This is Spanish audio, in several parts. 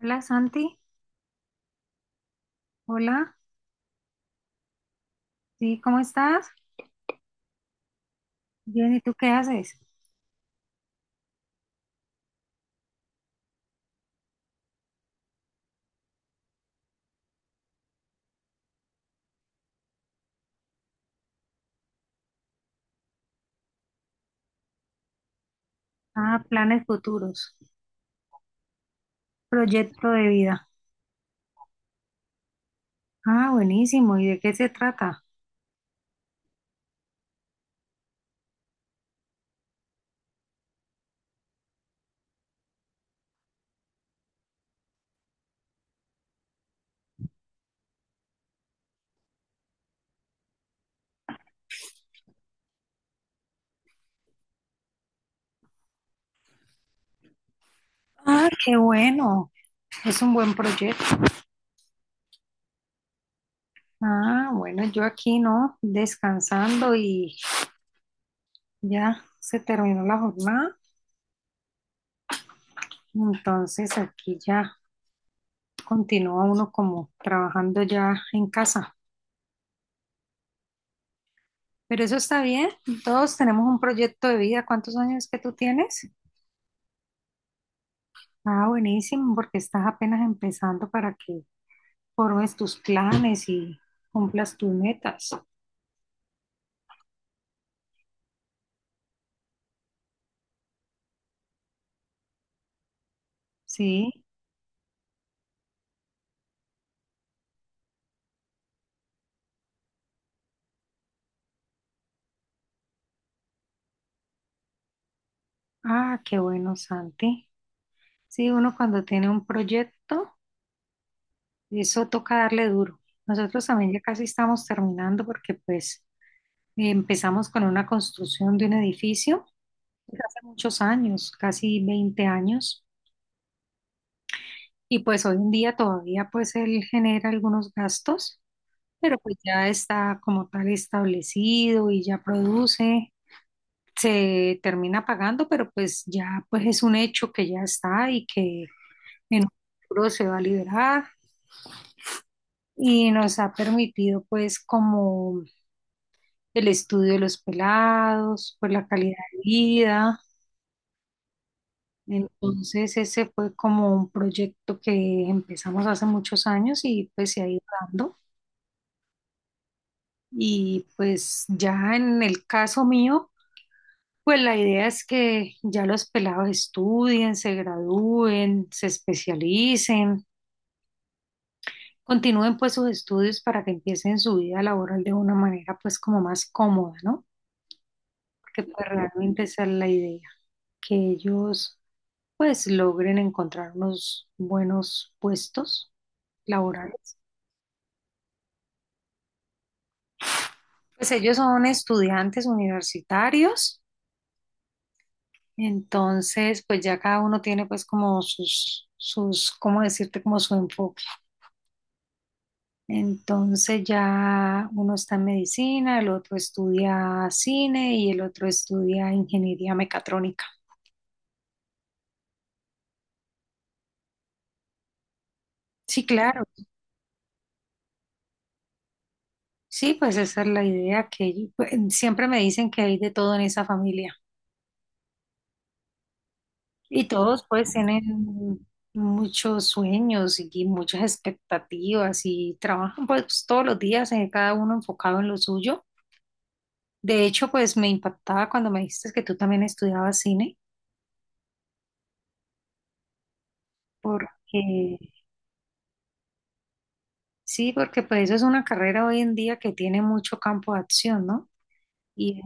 Hola Santi, hola, sí, ¿cómo estás? Bien, ¿y tú qué haces? Ah, planes futuros, proyecto de vida. Ah, buenísimo, ¿y de qué se trata? Ah, qué bueno, es un buen proyecto. Ah, bueno, yo aquí no, descansando y ya se terminó la jornada, entonces aquí ya continúa uno como trabajando ya en casa. Pero eso está bien, todos tenemos un proyecto de vida. ¿Cuántos años que tú tienes? Ah, buenísimo, porque estás apenas empezando para que formes tus planes y cumplas tus metas. Sí. Ah, qué bueno, Santi. Sí, uno cuando tiene un proyecto, eso toca darle duro. Nosotros también ya casi estamos terminando porque pues empezamos con una construcción de un edificio desde hace muchos años, casi 20 años, y pues hoy en día todavía pues él genera algunos gastos, pero pues ya está como tal establecido y ya produce, se termina pagando, pero pues ya pues es un hecho que ya está y que en un futuro se va a liberar y nos ha permitido pues como el estudio de los pelados, pues la calidad de vida. Entonces ese fue como un proyecto que empezamos hace muchos años y pues se ha ido dando. Y pues ya en el caso mío, pues la idea es que ya los pelados estudien, se gradúen, se especialicen, continúen pues sus estudios para que empiecen su vida laboral de una manera pues como más cómoda, ¿no? Porque pues realmente esa es la idea, que ellos pues logren encontrar unos buenos puestos laborales. Pues ellos son estudiantes universitarios, entonces pues ya cada uno tiene pues como sus ¿cómo decirte? Como su enfoque. Entonces ya uno está en medicina, el otro estudia cine y el otro estudia ingeniería mecatrónica. Sí, claro. Sí, pues esa es la idea, que pues siempre me dicen que hay de todo en esa familia. Y todos pues tienen muchos sueños y muchas expectativas y trabajan pues todos los días, cada uno enfocado en lo suyo. De hecho, pues me impactaba cuando me dijiste que tú también estudiabas cine, porque sí, porque pues eso es una carrera hoy en día que tiene mucho campo de acción, ¿no? Y es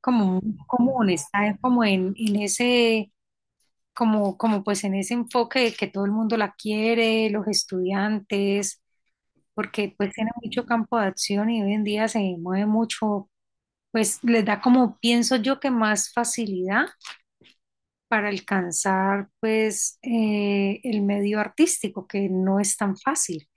como muy común, está como en ese, como pues en ese enfoque de que todo el mundo la quiere, los estudiantes, porque pues tiene mucho campo de acción y hoy en día se mueve mucho, pues les da como, pienso yo, que más facilidad para alcanzar pues el medio artístico, que no es tan fácil.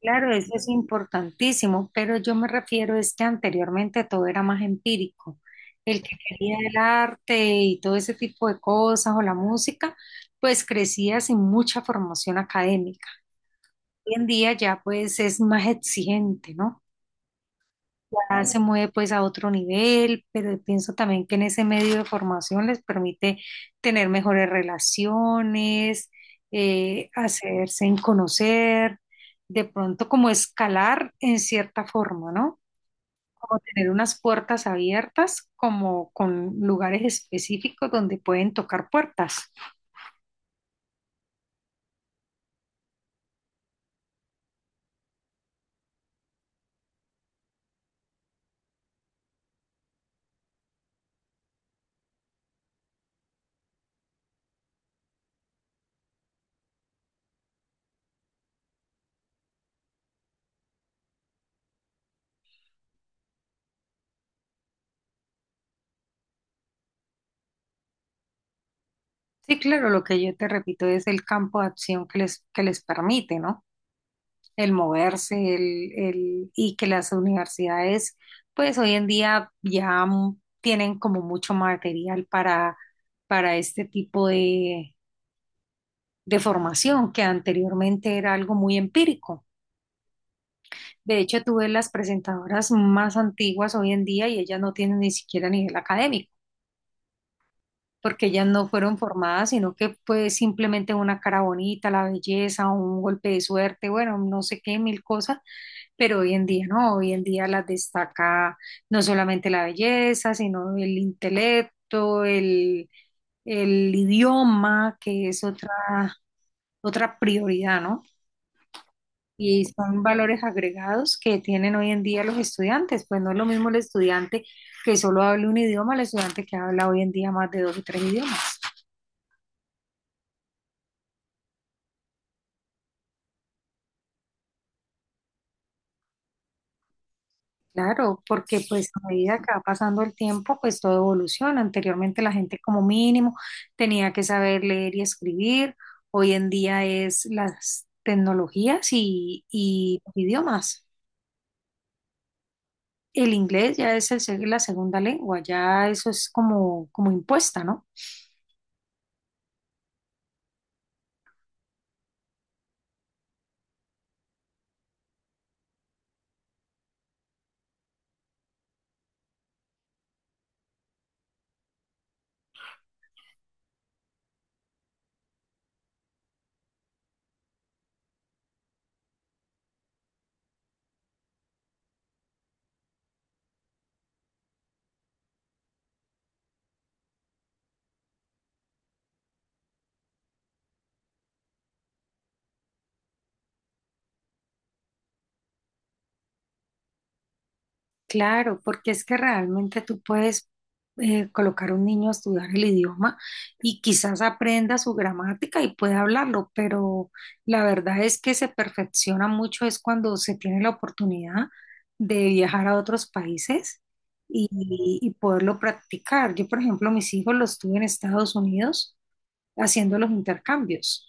Claro, eso es importantísimo, pero yo me refiero es que anteriormente todo era más empírico. El que quería el arte y todo ese tipo de cosas o la música, pues crecía sin mucha formación académica. Hoy en día ya pues es más exigente, ¿no? Ya se mueve pues a otro nivel, pero pienso también que en ese medio de formación les permite tener mejores relaciones, hacerse en conocer, de pronto como escalar en cierta forma, ¿no? Como tener unas puertas abiertas, como con lugares específicos donde pueden tocar puertas. Sí, claro, lo que yo te repito es el campo de acción que les permite, ¿no? El moverse, el, y que las universidades pues hoy en día ya tienen como mucho material para este tipo de formación, que anteriormente era algo muy empírico. De hecho, tú ves las presentadoras más antiguas hoy en día y ellas no tienen ni siquiera nivel académico, porque ellas no fueron formadas, sino que pues simplemente una cara bonita, la belleza, un golpe de suerte, bueno, no sé qué, mil cosas. Pero hoy en día no, hoy en día las destaca no solamente la belleza, sino el intelecto, el idioma, que es otra, otra prioridad, ¿no? Y son valores agregados que tienen hoy en día los estudiantes, pues no es lo mismo el estudiante que solo hable un idioma al estudiante que habla hoy en día más de dos o tres idiomas. Claro, porque pues a medida que va pasando el tiempo, pues todo evoluciona. Anteriormente la gente como mínimo tenía que saber leer y escribir. Hoy en día es las tecnologías y los idiomas. El inglés ya es el la segunda lengua, ya eso es como, como impuesta, ¿no? Claro, porque es que realmente tú puedes colocar a un niño a estudiar el idioma y quizás aprenda su gramática y pueda hablarlo, pero la verdad es que se perfecciona mucho es cuando se tiene la oportunidad de viajar a otros países y, y poderlo practicar. Yo, por ejemplo, mis hijos los tuve en Estados Unidos haciendo los intercambios.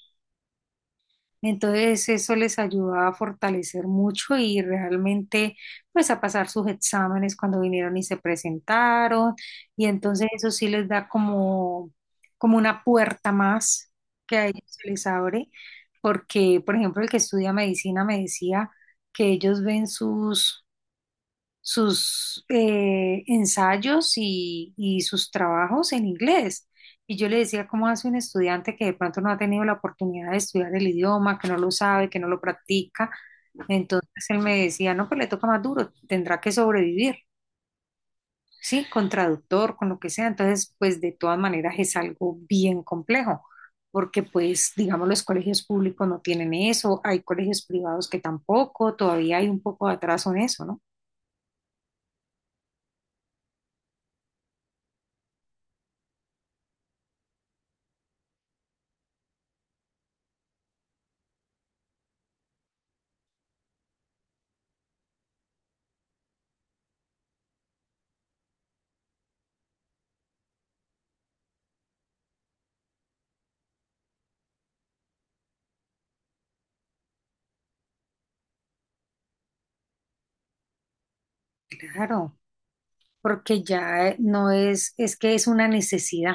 Entonces eso les ayudaba a fortalecer mucho y realmente pues a pasar sus exámenes cuando vinieron y se presentaron, y entonces eso sí les da como, como una puerta más que a ellos se les abre, porque por ejemplo el que estudia medicina me decía que ellos ven sus ensayos y sus trabajos en inglés. Y yo le decía, ¿cómo hace un estudiante que de pronto no ha tenido la oportunidad de estudiar el idioma, que no lo sabe, que no lo practica? Entonces él me decía, no, pues le toca más duro, tendrá que sobrevivir, ¿sí? Con traductor, con lo que sea. Entonces, pues de todas maneras es algo bien complejo, porque pues, digamos, los colegios públicos no tienen eso, hay colegios privados que tampoco, todavía hay un poco de atraso en eso, ¿no? Claro, porque ya no es, es que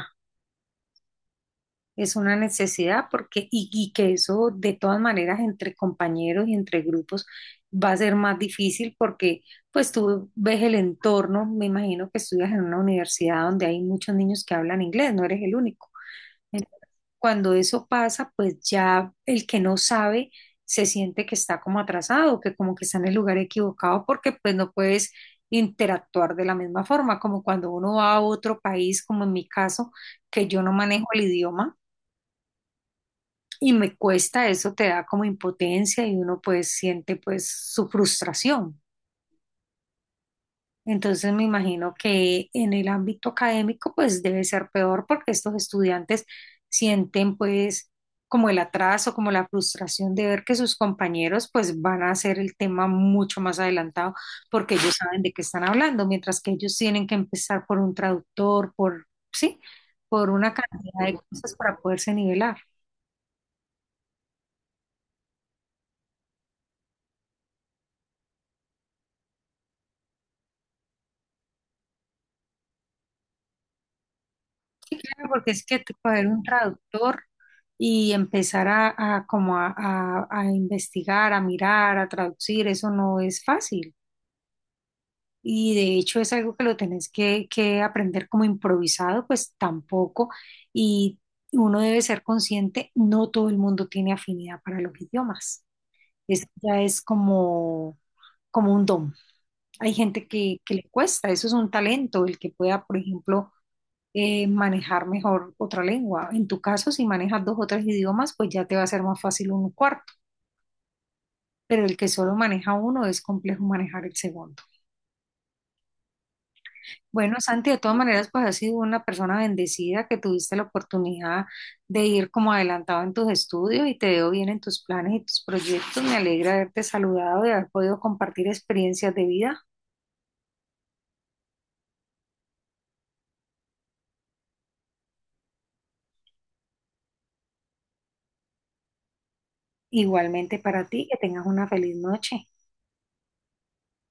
es una necesidad porque, y que eso de todas maneras entre compañeros y entre grupos va a ser más difícil porque pues tú ves el entorno, me imagino que estudias en una universidad donde hay muchos niños que hablan inglés, no eres el único. Cuando eso pasa, pues ya el que no sabe se siente que está como atrasado, que como que está en el lugar equivocado porque pues no puedes interactuar de la misma forma, como cuando uno va a otro país, como en mi caso, que yo no manejo el idioma y me cuesta, eso te da como impotencia y uno pues siente pues su frustración. Entonces me imagino que en el ámbito académico pues debe ser peor porque estos estudiantes sienten pues como el atraso, como la frustración de ver que sus compañeros pues van a hacer el tema mucho más adelantado porque ellos saben de qué están hablando, mientras que ellos tienen que empezar por un traductor, por, sí, por una cantidad de cosas para poderse nivelar. Sí, claro, porque es que coger un traductor y empezar a como a investigar, a mirar, a traducir, eso no es fácil. Y de hecho es algo que lo tenés que aprender como improvisado, pues tampoco. Y uno debe ser consciente, no todo el mundo tiene afinidad para los idiomas. Eso ya es como, como un don. Hay gente que le cuesta, eso es un talento, el que pueda, por ejemplo, manejar mejor otra lengua. En tu caso, si manejas dos o tres idiomas, pues ya te va a ser más fácil un cuarto. Pero el que solo maneja uno es complejo manejar el segundo. Bueno, Santi, de todas maneras, pues has sido una persona bendecida que tuviste la oportunidad de ir como adelantado en tus estudios y te veo bien en tus planes y tus proyectos. Me alegra haberte saludado y haber podido compartir experiencias de vida. Igualmente para ti, que tengas una feliz noche.